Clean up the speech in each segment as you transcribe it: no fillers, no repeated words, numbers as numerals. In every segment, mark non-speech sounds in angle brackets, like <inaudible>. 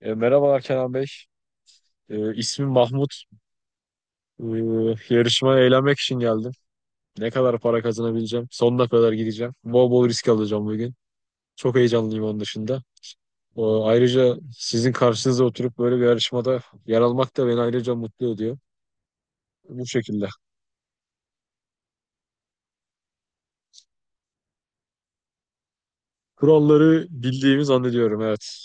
Merhabalar Kenan Bey. İsmim Mahmut. E, Yarışmaya eğlenmek için geldim. Ne kadar para kazanabileceğim? Sonuna kadar gideceğim. Bol bol risk alacağım bugün. Çok heyecanlıyım onun dışında. O, ayrıca sizin karşınıza oturup böyle bir yarışmada yer almak da beni ayrıca mutlu ediyor. Bu şekilde. Kuralları bildiğimi zannediyorum, evet.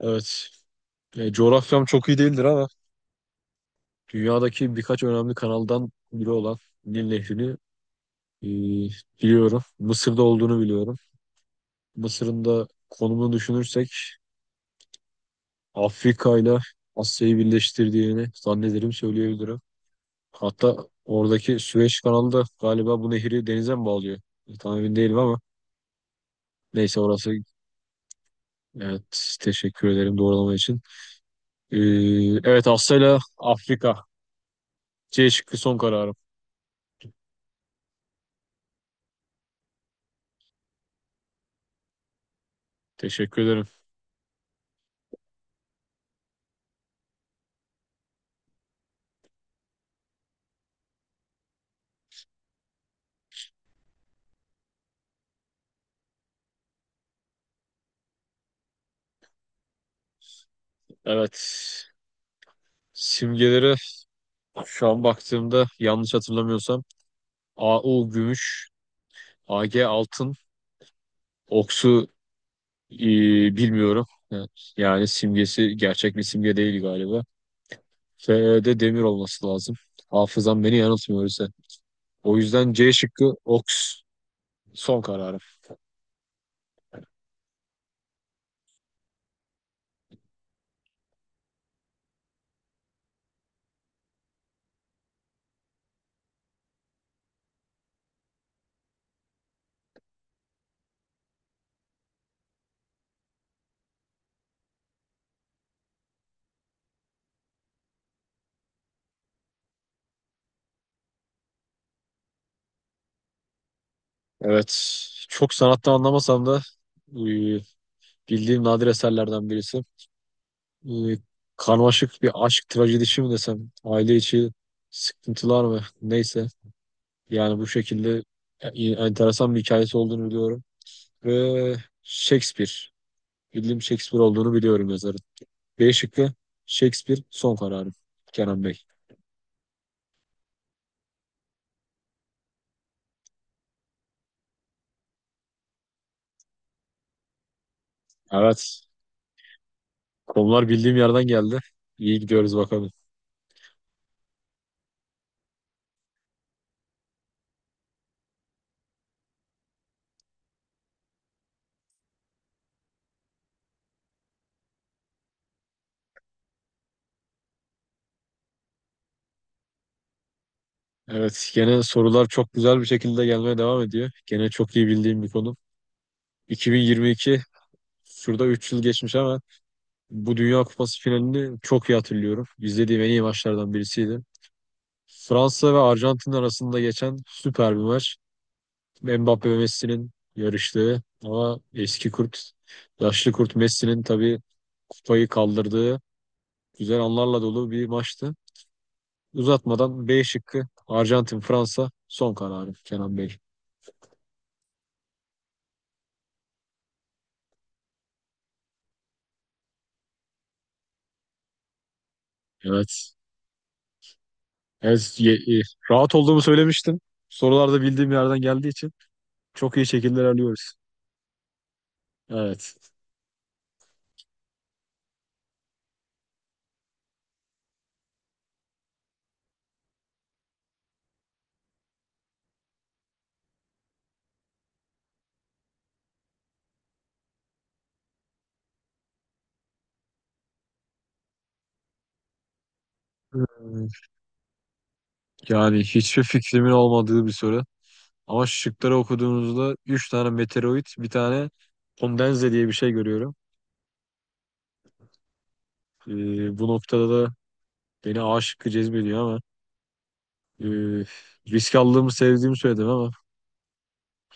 Evet. Coğrafyam çok iyi değildir ama dünyadaki birkaç önemli kanaldan biri olan Nil Nehri'ni e, biliyorum. Mısır'da olduğunu biliyorum. Mısır'ın da konumunu düşünürsek Afrika ile Asya'yı birleştirdiğini zannederim söyleyebilirim. Hatta oradaki Süveyş kanalı da galiba bu nehri denize mi bağlıyor? Tam emin değilim ama neyse orası, evet, teşekkür ederim doğrulama için. Ee, evet, Asya ile Afrika, C şıkkı son kararım. Teşekkür ederim. Evet, simgeleri şu an baktığımda yanlış hatırlamıyorsam AU gümüş, AG altın, Oksu Ee, bilmiyorum. Yani, simgesi gerçek bir simge değil galiba. F'de demir olması lazım. Hafızam beni yanıltmıyor öyleyse. O yüzden C şıkkı Oks son kararım. Evet. Çok sanattan anlamasam da e, bildiğim nadir eserlerden birisi. e, Karmaşık bir aşk trajedisi mi desem, aile içi sıkıntılar mı neyse. Yani bu şekilde e, enteresan bir hikayesi olduğunu biliyorum. Ve Shakespeare, bildiğim Shakespeare olduğunu biliyorum yazarın. B şıkkı Shakespeare son kararım Kenan Bey. Evet, konular bildiğim yerden geldi. İyi gidiyoruz bakalım. Evet, gene sorular çok güzel bir şekilde gelmeye devam ediyor. Gene çok iyi bildiğim bir konu. 2022, şurada 3 yıl geçmiş ama bu Dünya Kupası finalini çok iyi hatırlıyorum. İzlediğim en iyi maçlardan birisiydi. Fransa ve Arjantin arasında geçen süper bir maç. Mbappe ve Messi'nin yarıştığı ama eski kurt, yaşlı kurt Messi'nin tabii kupayı kaldırdığı güzel anlarla dolu bir maçtı. Uzatmadan B şıkkı Arjantin-Fransa son kararı Kenan Bey. Evet. Evet, ye- e, Rahat olduğumu söylemiştim. Sorularda bildiğim yerden geldiği için çok iyi şekilde ilerliyoruz. Evet. Ee, Yani hiçbir fikrimin olmadığı bir soru. Ama şıkları okuduğunuzda 3 tane meteoroid, bir tane kondenze diye bir şey görüyorum. Bu noktada da beni A şıkkı cezbediyor ama e, risk aldığımı sevdiğimi söyledim ama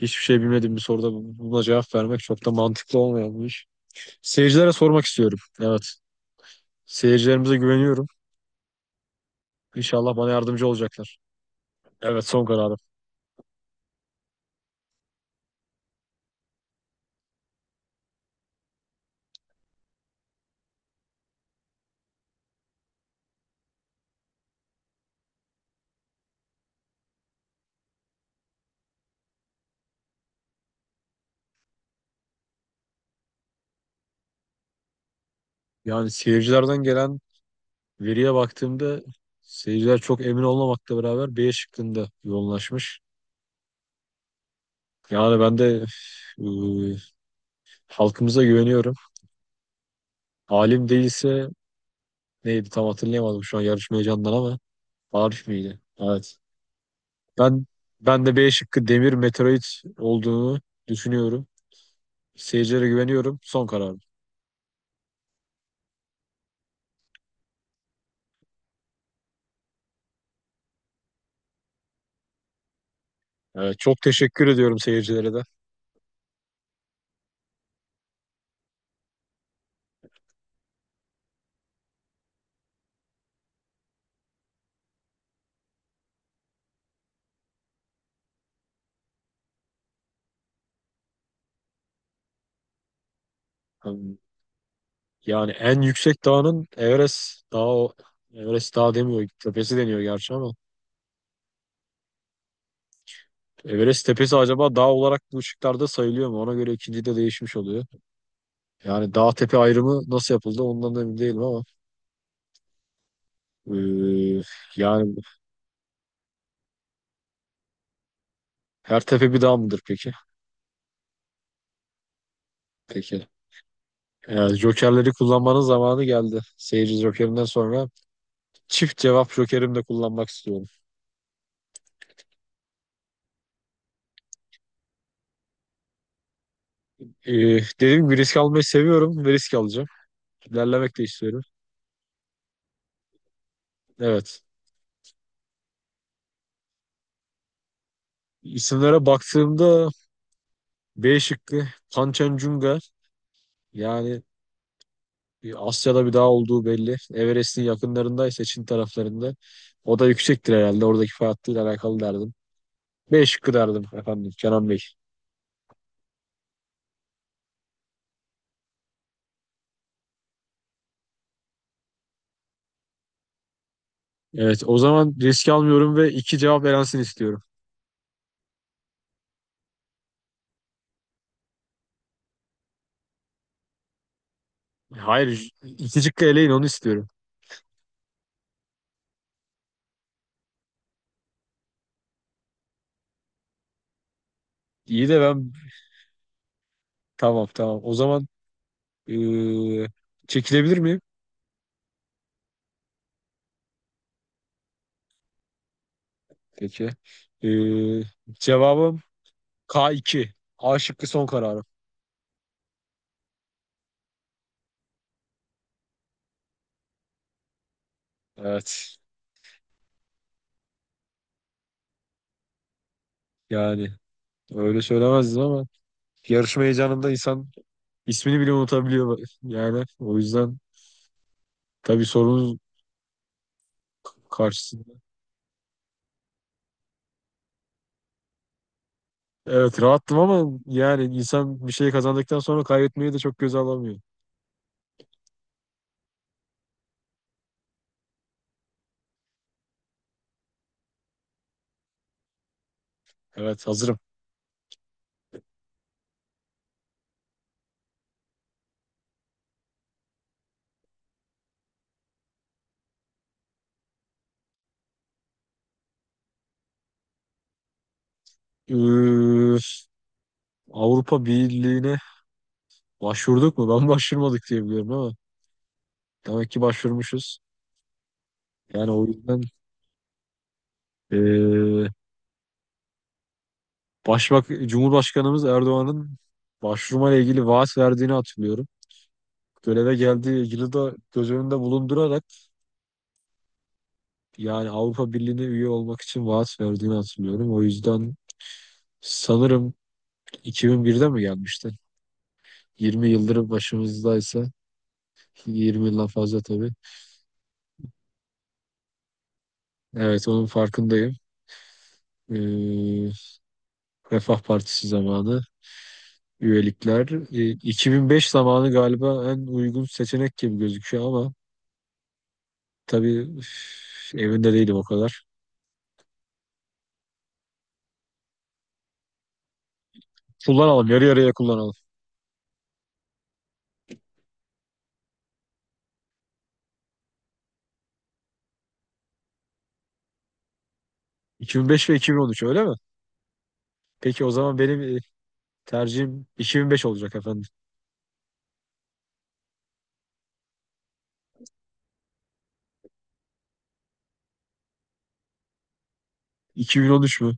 hiçbir şey bilmediğim bir soruda buna cevap vermek çok da mantıklı olmayan bir iş. Seyircilere sormak istiyorum. Evet. Seyircilerimize güveniyorum. İnşallah bana yardımcı olacaklar. Evet, son kararım. Yani seyircilerden gelen veriye baktığımda seyirciler çok emin olmamakla beraber B şıkkında yoğunlaşmış. Yani ben de e, halkımıza güveniyorum. Alim değilse neydi tam hatırlayamadım şu an yarışma heyecanından ama Arif miydi? Evet. Ben ben de B şıkkı demir meteorit olduğunu düşünüyorum. Seyircilere güveniyorum. Son karar. Evet, çok teşekkür ediyorum seyircilere de. Em, Yani en yüksek dağının Everest dağı, Everest dağı demiyor, tepesi deniyor gerçi ama. Everest tepesi acaba dağ olarak bu ışıklarda sayılıyor mu? Ona göre ikinci de değişmiş oluyor. Yani dağ tepe ayrımı nasıl yapıldı ondan da emin değilim ama. eee, Yani her tepe bir dağ mıdır peki? Peki. Yani jokerleri kullanmanın zamanı geldi. Seyirci Joker'inden sonra çift cevap Joker'imi de kullanmak istiyorum. Ee, Dediğim gibi risk almayı seviyorum ve risk alacağım. İlerlemek de istiyorum. Evet. İsimlere baktığımda B şıkkı Kanchenjunga, yani bir Asya'da bir dağ olduğu belli. Everest'in yakınlarındaysa Çin taraflarında. O da yüksektir herhalde. Oradaki farklıyla alakalı derdim. B şıkkı derdim efendim Kenan Bey. Evet, o zaman risk almıyorum ve iki cevap elensin istiyorum. Hayır, iki cıkka eleyin onu istiyorum. İyi de ben, tamam tamam. O zaman eee, çekilebilir miyim? Peki. Eee, Cevabım K2. A şıkkı son kararım. Evet. Yani öyle söylemezdim ama yarışma heyecanında insan ismini bile unutabiliyor. <laughs> Yani o yüzden tabii sorunuz karşısında. Evet, rahattım ama yani insan bir şey kazandıktan sonra kaybetmeyi de çok göze alamıyor. Evet, hazırım. Eee, Avrupa Birliği'ne başvurduk mu? Ben <laughs> başvurmadık diye biliyorum ama demek ki başvurmuşuz. Yani o yüzden eee Başbak Cumhurbaşkanımız Erdoğan'ın başvurmayla ilgili vaat verdiğini hatırlıyorum. Göreve geldiği yılı da göz önünde bulundurarak, yani Avrupa Birliği'ne üye olmak için vaat verdiğini hatırlıyorum. O yüzden sanırım 2001'de mi gelmişti? 20 yıldır başımızdaysa, 20 yıldan fazla tabii. Evet, onun farkındayım. Eee Refah Partisi zamanı, üyelikler. 2005 zamanı galiba en uygun seçenek gibi gözüküyor ama tabii üf, evinde değilim o kadar. Kullanalım, yarı yarıya kullanalım. 2005 ve 2013, öyle mi? Peki o zaman benim tercihim 2005 olacak efendim. 2013 mü?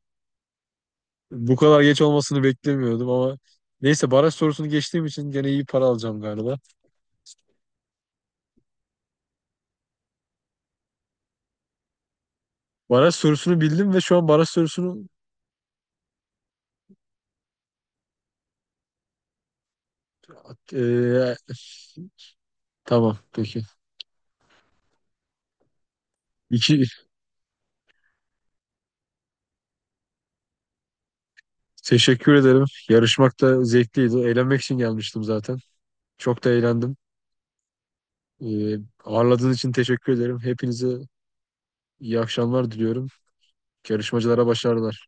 Bu kadar geç olmasını beklemiyordum ama neyse, baraj sorusunu geçtiğim için gene iyi para alacağım galiba. Baraj sorusunu bildim ve şu an baraj sorusunu e, tamam peki. Teşekkür ederim. Yarışmak da zevkliydi. Eğlenmek için gelmiştim zaten. Çok da eğlendim. Ee, Ağırladığın için teşekkür ederim. Hepinize iyi akşamlar diliyorum. Yarışmacılara başarılar.